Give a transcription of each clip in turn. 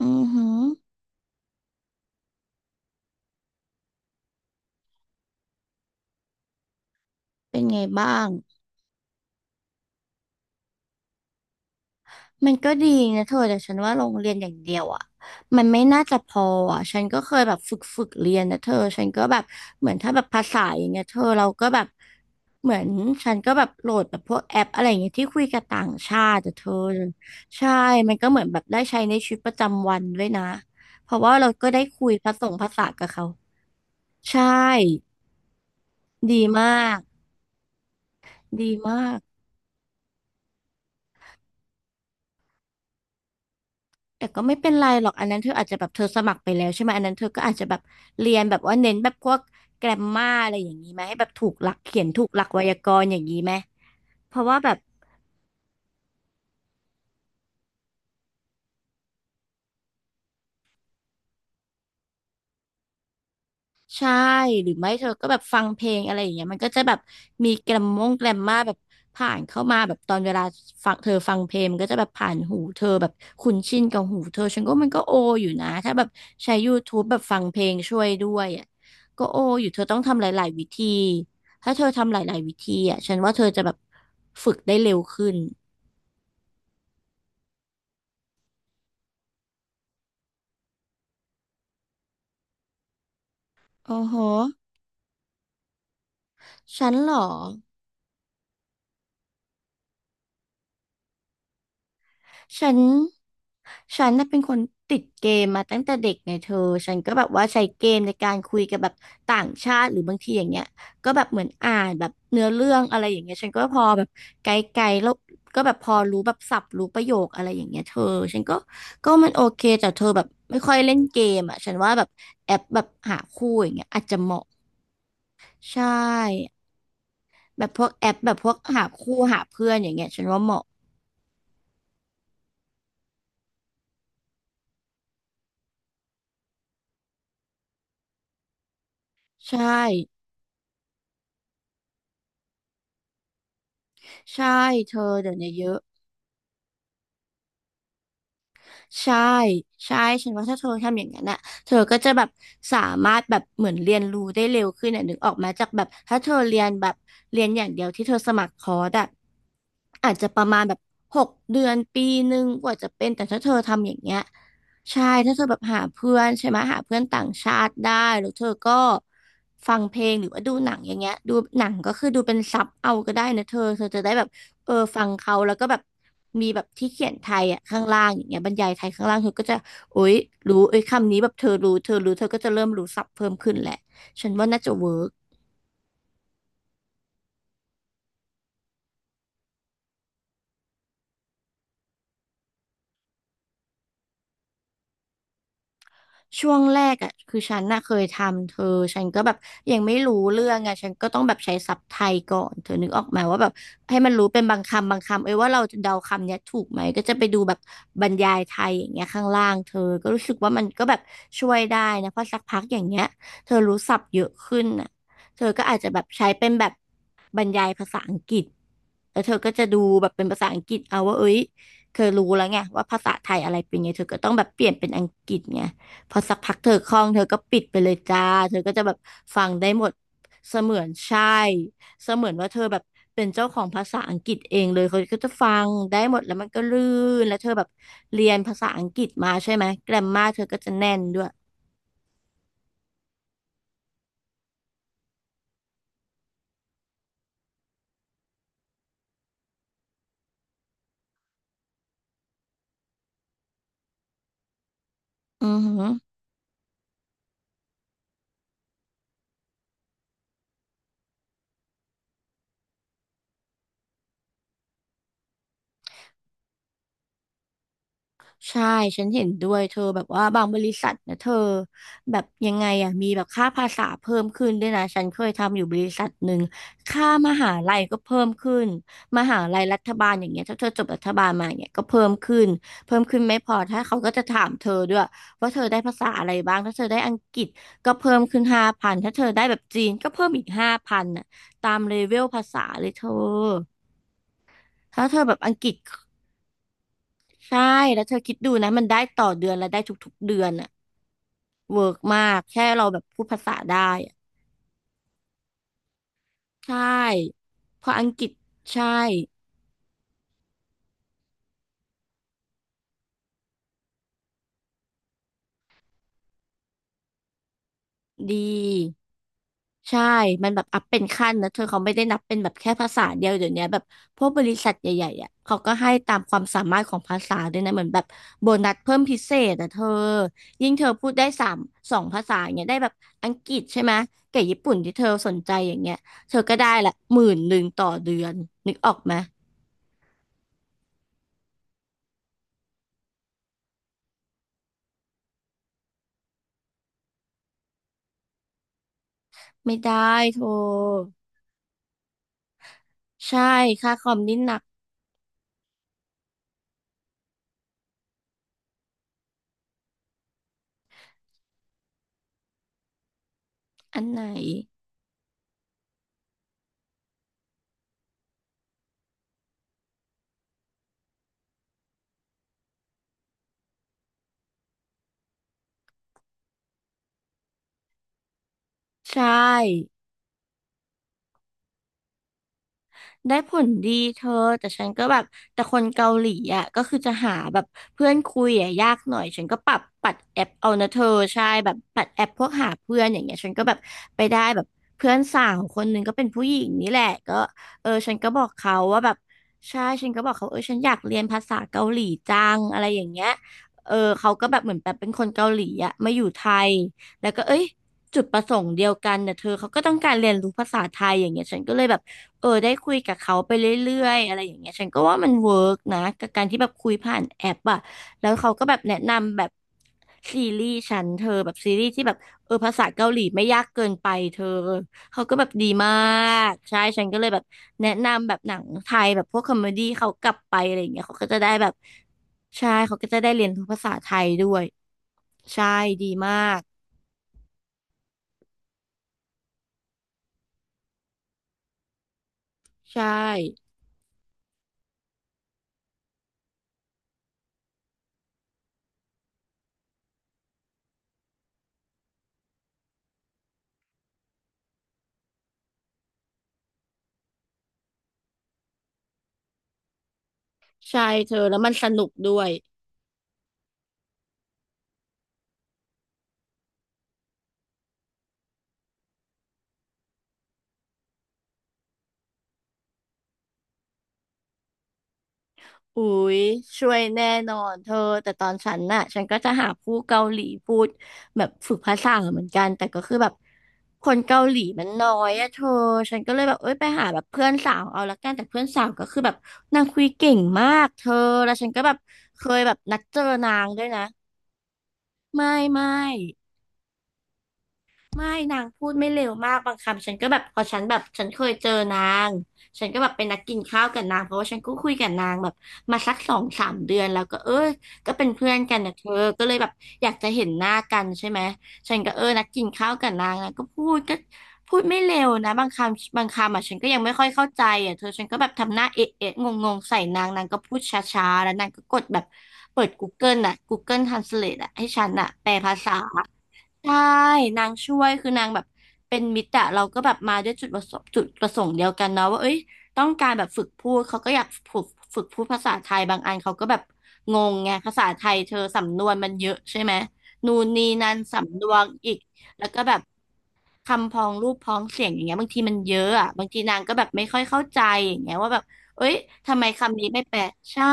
อือหือเป็นไงบ้างมันก็ดีนะเธอแต่ฉันว่าโรงเรียนอย่างเดียวอ่ะมันไม่น่าจะพออ่ะฉันก็เคยแบบฝึกเรียนนะเธอ ฉันก็แบบเหมือนถ้าแบบภาษาอย่างเงี้ยเธอเราก็แบบเหมือนฉันก็แบบโหลดแบบพวกแอปอะไรอย่างเงี้ยที่คุยกับต่างชาติแต่เธอใช่มันก็เหมือนแบบได้ใช้ในชีวิตประจำวันด้วยนะเพราะว่าเราก็ได้คุยผสมภาษากับเขาใช่ดีมากดีมาก แต่ก็ไม่เป็นไรหรอกอันนั้นเธออาจจะแบบเธอสมัครไปแล้วใช่ไหมอันนั้นเธอก็อาจจะแบบเรียนแบบว่าเน้นแบบพวกแกรมมาอะไรอย่างนี้ไหมให้แบบถูกหลักเขียนถูกหลักไวยากรณ์อย่างนี้ไหมเพราะว่าแบบ ใช่หรือไม่เธอก็แบบฟังเพลงอะไรอย่างเงี้ยมันก็จะแบบมีแกรมมาแบบผ่านเข้ามาแบบตอนเวลาฟังเธอฟังเพลงมันก็จะแบบผ่านหูเธอแบบคุ้นชินกับหูเธอฉันก็มันก็โออยู่นะถ้าแบบใช้ YouTube แบบฟังเพลงช่วยด้วยอ่ะก็โออยู่เธอต้องทำหลายๆวิธีถ้าเธอทำหลายๆวิธีอ่ะฉันว่าเธอจะแบบฝึกได้เร็วขึ้นโอ้โหฉันเหรอ ฉันฉันน่ะเป็นคนติดเกมมาตั้งแต่เด็กไงเธอฉันก็แบบว่าใช้เกมในการคุยกับแบบต่างชาติหรือบางทีอย่างเงี้ยก็แบบเหมือนอ่านแบบเนื้อเรื่องอะไรอย่างเงี้ยฉันก็พอแบบไกลๆแล้วก็แบบพอรู้แบบศัพท์รู้ประโยคอะไรอย่างเงี้ยเธอฉันก็มันโอเคแต่เธอแบบไม่ค่อยเล่นเกมอ่ะฉันว่าแบบแอปแบบหาคู่อย่างเงี้ยอาจจะเหมาะใช่แบบพวกแอปแบบพวกหาคู่หาเพื่อนอย่างเงี้ยฉันว่าเหมาะใช่ใช่เธอเดี๋ยวนี้เยอะ ใช่ใช่ฉันว่าถ้าเธอทำอย่างนั้นน่ะเธอก็จะแบบสามารถแบบเหมือนเรียนรู้ได้เร็วขึ้นอ่ะนึกออกมาจากแบบถ้าเธอเรียนแบบเรียนอย่างเดียวที่เธอสมัครคอร์สอ่ะอาจจะประมาณแบบ6 เดือน1 ปีกว่าจะเป็นแต่ถ้าเธอทำอย่างเงี้ย ใช่ถ้าเธอแบบหาเพื่อนใช่ไหมหาเพื่อนต่างชาติได้แล้วเธอก็ฟังเพลงหรือว่าดูหนังอย่างเงี้ยดูหนังก็คือดูเป็นซับเอาก็ได้นะเธอเธอจะได้แบบเออฟังเขาแล้วก็แบบมีแบบที่เขียนไทยอ่ะข้างล่างอย่างเงี้ยบรรยายไทยข้างล่างเธอก็จะโอ๊ยรู้เอ้ยคำนี้แบบเธอรู้เธอรู้เธอก็จะเริ่มรู้ศัพท์เพิ่มขึ้นแหละฉันว่าน่าจะเวิร์ก ช่วงแรกอ่ะคือฉันน่ะเคยทำเธอฉันก็แบบยังไม่รู้เรื่องไงฉันก็ต้องแบบใช้ศัพท์ไทยก่อนเธอนึกออกไหมว่าแบบให้มันรู้เป็นบางคำบางคำเอ้ยว่าเราจะเดาคำเนี้ยถูกไหมก็จะไปดูแบบบรรยายไทยอย่างเงี้ยข้างล่างเธอก็รู้สึกว่ามันก็แบบช่วยได้นะเพราะสักพักอย่างเงี้ยเธอรู้ศัพท์เยอะขึ้นน่ะเธอก็อาจจะแบบใช้เป็นแบบบรรยายภาษาอังกฤษแล้วเธอก็จะดูแบบเป็นภาษาอังกฤษเอาว่าเอ้ยเธอรู้แล้วไงว่าภาษาไทยอะไรเป็นไงเธอก็ต้องแบบเปลี่ยนเป็นอังกฤษไง พอสักพักเธอคล่องเธอก็ปิดไปเลยจ้าเธอก็จะแบบฟังได้หมดเสมือนใช่เสมือนว่าเธอแบบเป็นเจ้าของภาษาอังกฤษเองเลยเขาก็จะฟังได้หมดแล้วมันก็ลื่นแล้วเธอแบบเรียนภาษาอังกฤษมาใช่ไหมแกรมมาเธอก็จะแน่นด้วยอือหือ ใช่ฉันเห็นด้วยเธอแบบว่าบางบริษัทนะเธอแบบยังไงอ่ะมีแบบค่าภาษาเพิ่มขึ้นด้วยนะฉันเคยทำอยู่บริษัทหนึ่งค่ามหาลัยก็เพิ่มขึ้นมหาลัยรัฐบาลอย่างเงี้ยถ้าเธอจบรัฐบาลมาเนี่ยก็เพิ่มขึ้นไม่พอถ้าเขาก็จะถามเธอด้วยว่าเธอได้ภาษาอะไรบ้างถ้าเธอได้อังกฤษก็เพิ่มขึ้นห้าพันถ้าเธอได้แบบจีนก็เพิ่มอีกห้าพันน่ะตามเลเวลภาษาเลยเธอถ้าเธอแบบอังกฤษ ใช่แล้วเธอคิดดูนะมันได้ต่อเดือนและได้ทุกๆเดือนอะเวิร์กมากแค่เราแบบพูดภาษาได้อะใช่เพราะอังกฤษใช่ดีใช่มันแบบอัพเป็นขั้นนะเธอเขาไม่ได้นับเป็นแบบแค่ภาษาเดียวเดี๋ยวนี้แบบพวกบริษัทใหญ่ๆอ่ะเขาก็ให้ตามความสามารถของภาษาด้วยนะเหมือนแบบโบนัสเพิ่มพิเศษอ่ะเธอยิ่งเธอพูดได้สามสองภาษาอย่างเงี้ยได้แบบอังกฤษใช่ไหมกับญี่ปุ่นที่เธอสนใจอย่างเงี้ยเธอก็ได้ละหมื่นหนึ่งต่อเดือนนึกออกไหม ไม่ได้โทรใช่ค่าคอมนี่หนักอันไหนใช่ ได้ผลดีเธอแต่ฉันก็แบบแต่คนเกาหลีอ่ะก็คือจะหาแบบเพื่อนคุยอ่ะยากหน่อยฉันก็ปรับปัดแอปเอานะเธอใช่แบบปัดแอปพวกหาเพื่อนอย่างเงี้ยฉันก็แบบไปได้แบบเพื่อนสาวคนหนึ่งก็เป็นผู้หญิงนี่แหละก็เออฉันก็บอกเขาว่าแบบใช่ฉันก็บอกเขาเออฉันอยากเรียนภาษาเกาหลีจังอะไรอย่างเงี้ยเออเขาก็แบบเหมือนแบบเป็นคนเกาหลีอ่ะมาอยู่ไทยแล้วก็เอ้ยจุดประสงค์เดียวกันเนี่ยเธอเขาก็ต้องการเรียนรู้ภาษาไทยอย่างเงี้ยฉันก็เลยแบบ เออได้คุยกับเขาไปเรื่อยๆอะไรอย่างเงี้ยฉันก็ว่ามันเวิร์กนะกับการที่แบบคุยผ่านแอปอะแล้วเขาก็แบบแนะนำแบบซีรีส์ฉันเธอแบบซีรีส์ที่แบบเออภาษาเกาหลีไม่ยากเกินไปเธอเขาก็แบบดีมากใช่ฉันก็เลยแบบแนะนำแบบหนังไทยแบบพวกคอมเมดี้เขากลับไปอะไรอย่างเงี้ยเขาก็จะได้แบบใช่เขาก็จะได้เรียนรู้ภาษาไทยด้วยใช่ดีมากใช่ใช่เธอแล้วมันสนุกด้วย อุ๊ยช่วยแน่นอนเธอแต่ตอนฉันน่ะฉันก็จะหาผู้เกาหลีพูดแบบฝึกภาษาเหมือนกันแต่ก็คือแบบคนเกาหลีมันน้อยอะเธอฉันก็เลยแบบเอ้ยไปหาแบบเพื่อนสาวเอาละกันแต่เพื่อนสาวก็คือแบบนางคุยเก่งมากเธอแล้วฉันก็แบบเคยแบบนัดเจอนางด้วยนะไม่ไม่ ไม่นางพูดไม่เร็วมากบางคำฉันก็แบบพอฉันแบบฉันเคยเจอนางฉันก็แบบเป็นนักกินข้าวกับนางเพราะว่าฉันก็คุยกับนางแบบมาสักสองสามเดือนแล้วก็เออก็เป็นเพื่อนกันนะเธอก็เลยแบบอยากจะเห็นหน้ากันใช่ไหมฉันก็เออนักกินข้าวกับนางนะก็พูดก็พูดไม่เร็วนะบางคำบางคำอ่ะฉันก็ยังไม่ค่อยเข้าใจอ่ะเธอฉันก็แบบทำหน้าเอ๊ะเอ๊ะงงงๆใส่นางนางก็พูดช้าๆแล้วนางก็กดแบบเปิด Google น่ะ Google Translate อ่ะให้ฉันอ่ะแปลภาษา ใช่นางช่วยคือนางแบบเป็นมิตรอะเราก็แบบมาด้วยจุดประสงค์จุดประสงค์เดียวกันเนาะว่าเอ้ยต้องการแบบฝึกพูดเขาก็อยากฝึกฝึกพูดภาษาไทยบางอันเขาก็แบบงงไงภาษาไทยเธอสำนวนมันเยอะใช่ไหมนู่นนี่นั่นสำนวนอีกแล้วก็แบบคำพ้องรูปพ้องเสียงอย่างเงี้ยบางทีมันเยอะอะบางทีนางก็แบบไม่ค่อยเข้าใจอย่างเงี้ยว่าแบบเอ้ยทำไมคำนี้ไม่แปลใช่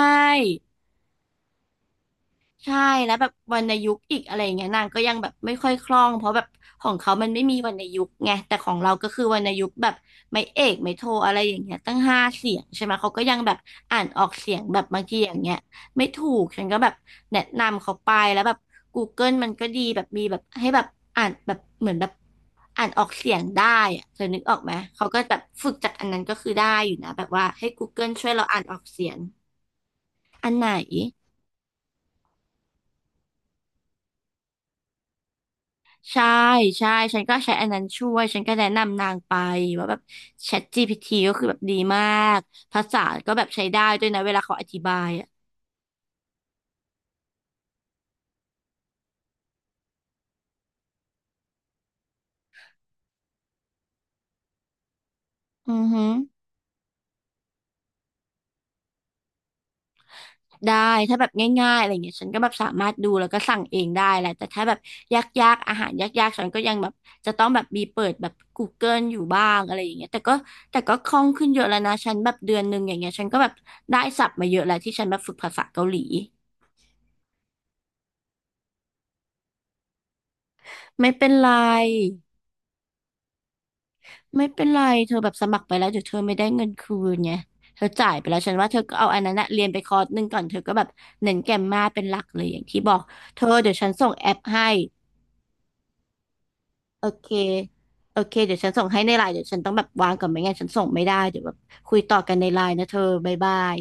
ใช่แล้วแบบวรรณยุกต์อีกอะไรอย่างเงี้ยนางก็ยังแบบไม่ค่อยคล่องเพราะแบบของเขามันไม่มีวรรณยุกต์ไงแต่ของเราก็คือวรรณยุกต์แบบไม่เอกไม่โทอะไรอย่างเงี้ยตั้งห้าเสียงใช่ไหมเขาก็ยังแบบอ่านออกเสียงแบบบางทีอย่างเงี้ยไม่ถูกฉันก็แบบแนะนำเขาไปแล้วแบบ Google มันก็ดีแบบมีแบบให้แบบอ่านแบบเหมือนแบบอ่านออกเสียงได้อะเธอนึกออกไหมเขาก็แบบฝึกจากอันนั้นก็คือได้อยู่นะแบบว่าให้ Google ช่วยเราอ่านออกเสียงอันไหน ใช่ใช่ฉันก็ใช้อันนั้นช่วยฉันก็แนะนำนางไปว่าแบบ ChatGPT ก็คือแบบดีมากภาษาก็แบบใช้ได้ด้วยนะเวลาเขาอธิบายอ่ะอือฮึได้ถ้าแบบง่ายๆอะไรเงี้ยฉันก็แบบสามารถดูแล้วก็สั่งเองได้แหละแต่ถ้าแบบยากๆอาหารยากๆฉันก็ยังแบบจะต้องแบบมีเปิดแบบ Google อยู่บ้างอะไรอย่างเงี้ยแต่ก็คล่องขึ้นเยอะแล้วนะฉันแบบเดือนหนึ่งอย่างเงี้ยฉันก็แบบได้ศัพท์มาเยอะแล้วที่ฉันแบบฝึกภาษาเกาหลีไม่เป็นไร ไม่เป็นไรเธอแบบสมัครไปแล้วเดี๋ยวเธอไม่ได้เงินคืนไงเธอจ่ายไปแล้วฉันว่าเธอก็เอาอันนั้นนะเรียนไปคอร์สหนึ่งก่อนเธอก็แบบเน้นแกรมมาเป็นหลักเลยอย่างที่บอกเธอเดี๋ยวฉันส่งแอปให้โอเคโอเคเดี๋ยวฉันส่งให้ในไลน์เดี๋ยวฉันต้องแบบวางก่อนไม่งั้นฉันส่งไม่ได้เดี๋ยวแบบคุยต่อกันในไลน์นะเธอบ๊ายบาย